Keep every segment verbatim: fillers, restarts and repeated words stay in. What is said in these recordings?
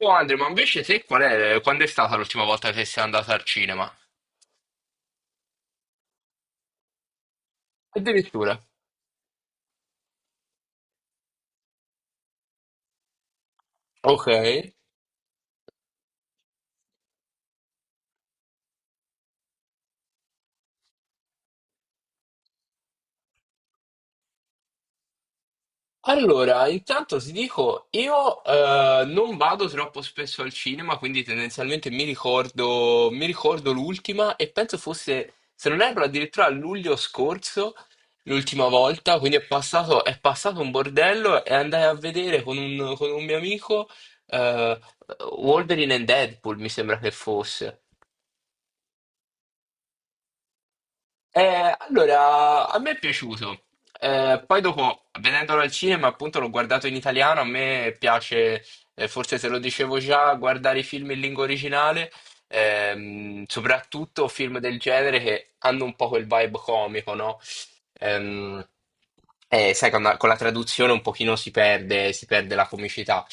Oh Andre, ma invece te qual è, quando è stata l'ultima volta che sei andata al cinema? Addirittura. Ok. Allora, intanto ti dico, io eh, non vado troppo spesso al cinema, quindi tendenzialmente mi ricordo, mi ricordo l'ultima e penso fosse, se non erro, addirittura a luglio scorso, l'ultima volta, quindi è passato, è passato un bordello e andai a vedere con un, con un mio amico eh, Wolverine and Deadpool, mi sembra che fosse. Eh, allora, a me è piaciuto. Eh, poi dopo, vedendolo al cinema, appunto, l'ho guardato in italiano. A me piace, eh, forse te lo dicevo già, guardare i film in lingua originale, ehm, soprattutto film del genere che hanno un po' quel vibe comico, no? Ehm, eh, sai, con la, con la traduzione un pochino si perde, si perde la comicità.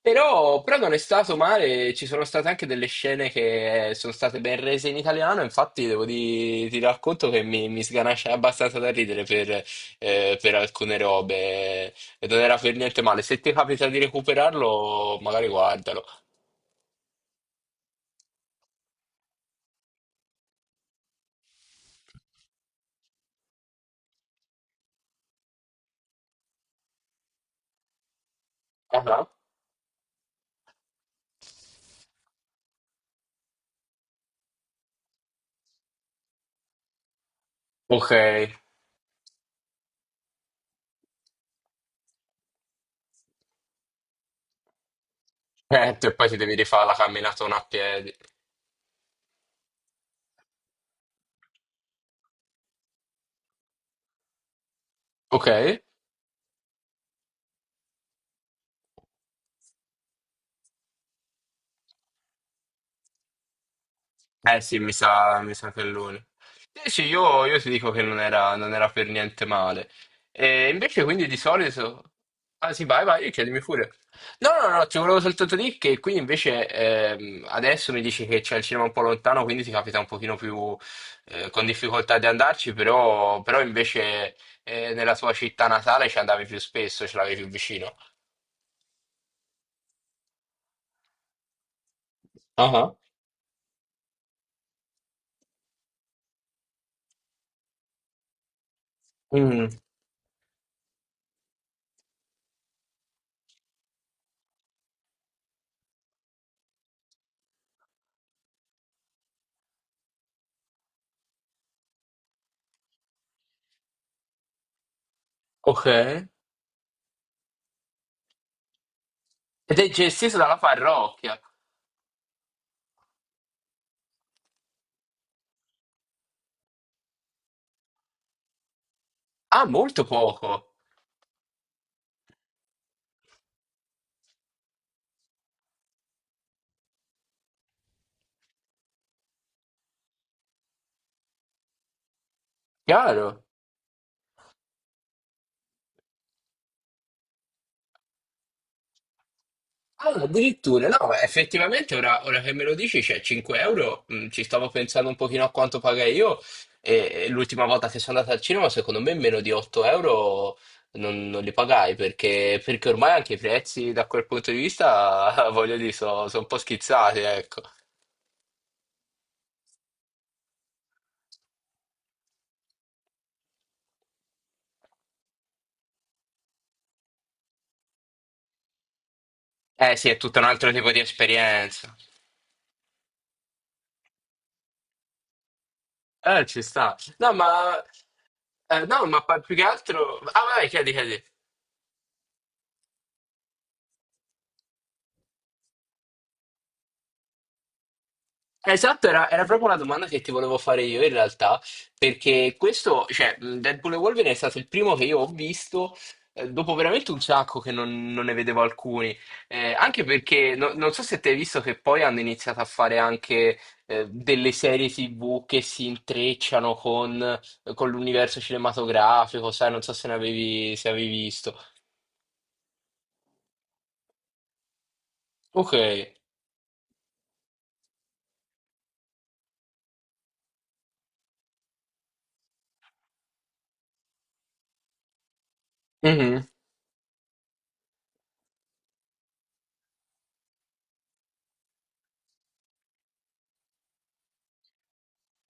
Però, però non è stato male, ci sono state anche delle scene che sono state ben rese in italiano, infatti devo di, ti racconto che mi, mi sganascia abbastanza da ridere per, eh, per alcune robe e non era per niente male. Se ti capita di recuperarlo, magari guardalo. Ah, ah. Ok. Eh, e poi ti devi rifare la camminatona a piedi. Ok. Eh sì, mi sa, mi sa che è lui. Eh sì, io, io ti dico che non era, non era per niente male. E invece quindi di solito... Ah sì, vai, vai, chiedimi pure. No, no, no, ti volevo soltanto dire che qui invece ehm, adesso mi dici che c'è il cinema un po' lontano, quindi ti capita un pochino più eh, con difficoltà di andarci, però, però invece eh, nella tua città natale ci andavi più spesso, ce l'avevi più vicino. Ah, ah. Mm, ok. Ed è gestito dalla parrocchia. Ah, molto poco. Chiaro. Ah, addirittura, no, effettivamente ora, ora che me lo dici, c'è cinque euro, mm, ci stavo pensando un pochino a quanto pagai io e, e l'ultima volta che sono andato al cinema, secondo me meno di otto euro non, non li pagai perché, perché ormai anche i prezzi da quel punto di vista, voglio dire, sono un po' schizzati, ecco. Eh sì, è tutto un altro tipo di esperienza. Eh, ci sta. No, ma, eh, no, ma pa- più che altro... Ah, vai, chiedi, chiedi. Esatto, era, era proprio una domanda che ti volevo fare io in realtà, perché questo, cioè, mh, Deadpool e Wolverine è stato il primo che io ho visto, eh, dopo veramente un sacco che non, non ne vedevo alcuni. Eh, anche perché no- non so se te hai visto che poi hanno iniziato a fare anche eh, delle serie T V che si intrecciano con, con l'universo cinematografico, sai, non so se ne avevi, se avevi visto. Ok.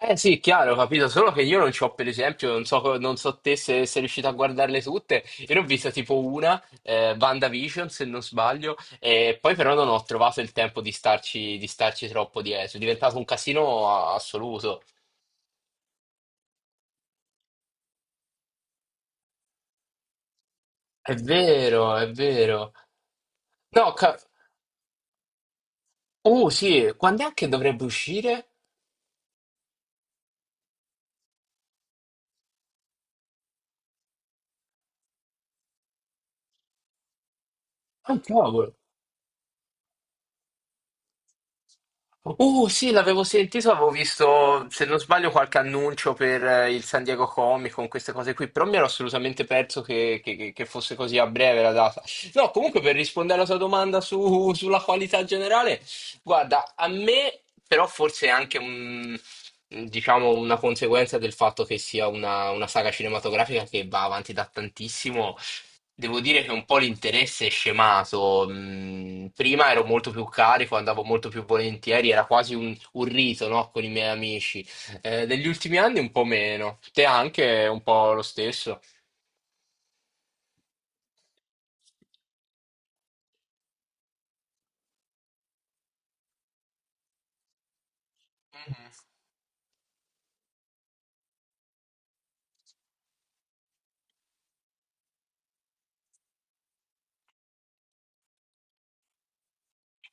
Eh sì, chiaro, ho capito, solo che io non ci ho, per esempio, non so, co- non so te se sei riuscito a guardarle tutte, io ne ho vista tipo una, eh, WandaVision se non sbaglio, e poi però non ho trovato il tempo di starci, di starci troppo dietro, è diventato un casino a- assoluto. È vero, è vero. No, ca- uh sì, quando è che dovrebbe uscire? Ah, cavolo. Uh, sì, l'avevo sentito, avevo visto, se non sbaglio, qualche annuncio per eh, il San Diego Comic Con, queste cose qui, però mi ero assolutamente perso che, che- che- che fosse così a breve la data. No, comunque per rispondere alla tua domanda su- sulla qualità generale, guarda, a me però forse è anche un, diciamo, una conseguenza del fatto che sia una, una saga cinematografica che va avanti da tantissimo. Devo dire che un po' l'interesse è scemato. Mm, prima ero molto più carico, andavo molto più volentieri, era quasi un, un rito, no? Con i miei amici. Eh, negli ultimi anni un po' meno. Te anche un po' lo stesso? Mhm.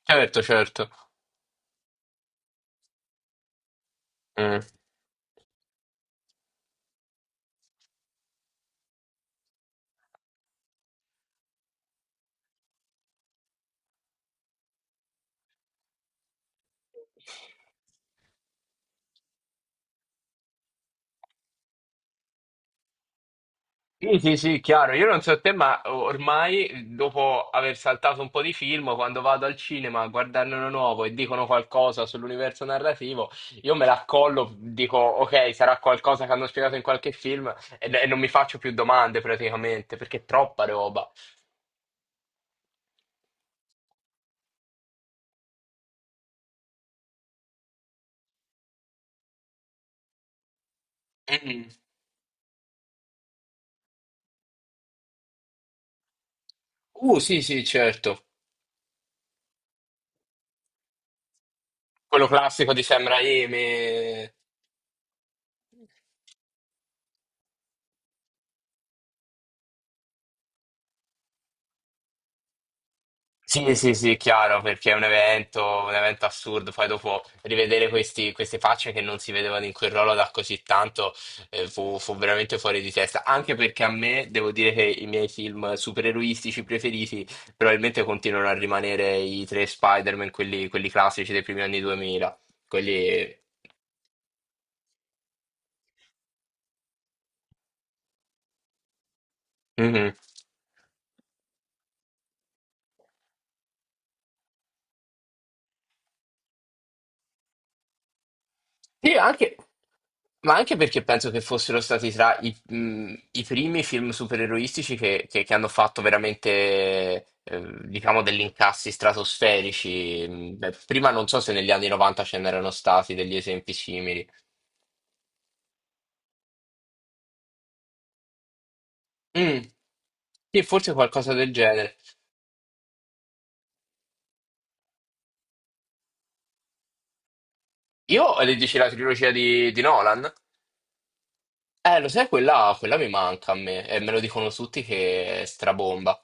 Certo, certo. Mm. Sì, sì, sì, chiaro. Io non so te, ma ormai dopo aver saltato un po' di film, quando vado al cinema a guardarne uno nuovo e dicono qualcosa sull'universo narrativo, io me l'accollo, dico ok, sarà qualcosa che hanno spiegato in qualche film e, e non mi faccio più domande praticamente, perché è troppa roba. Mm. Uh, sì, sì, certo. Quello classico di Sam Raimi. Sì, sì, sì, chiaro, perché è un evento, un evento assurdo. Poi dopo rivedere questi- queste facce che non si vedevano in quel ruolo da così tanto, eh, fu, fu veramente fuori di testa. Anche perché a me, devo dire che i miei film supereroistici preferiti probabilmente continuano a rimanere i tre Spider-Man, quelli, quelli classici dei primi anni duemila. Quelli... Mhm. Sì, anche, ma anche perché penso che fossero stati tra i, mh, i primi film supereroistici che, che- che hanno fatto veramente, eh, diciamo, degli incassi stratosferici. Mh, beh, prima non so se negli anni novanta ce n'erano stati degli esempi simili. Mm, sì, forse qualcosa del genere. Io, eh, dici la trilogia di, di Nolan? Eh, lo sai, quella, quella mi manca a me, e me lo dicono tutti che è strabomba.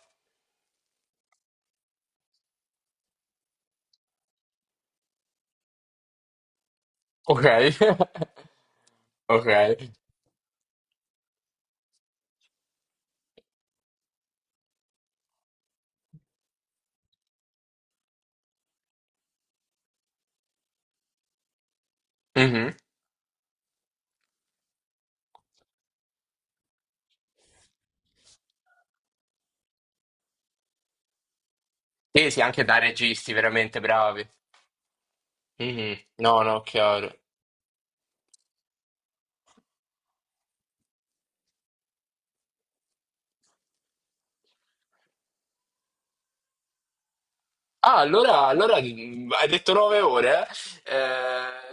Ok. Ok. Mhm. Sì, sì, anche da registi veramente bravi. Mhm. No, no, chiaro. Ah, allora, allora mh, hai detto nove ore, eh?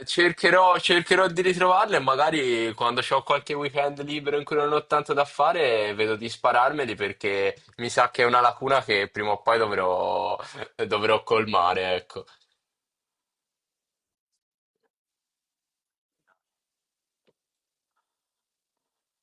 Eh, cercherò, cercherò di ritrovarle e magari quando ho qualche weekend libero in cui non ho tanto da fare, vedo di spararmeli perché mi sa che è una lacuna che prima o poi dovrò, dovrò colmare, ecco.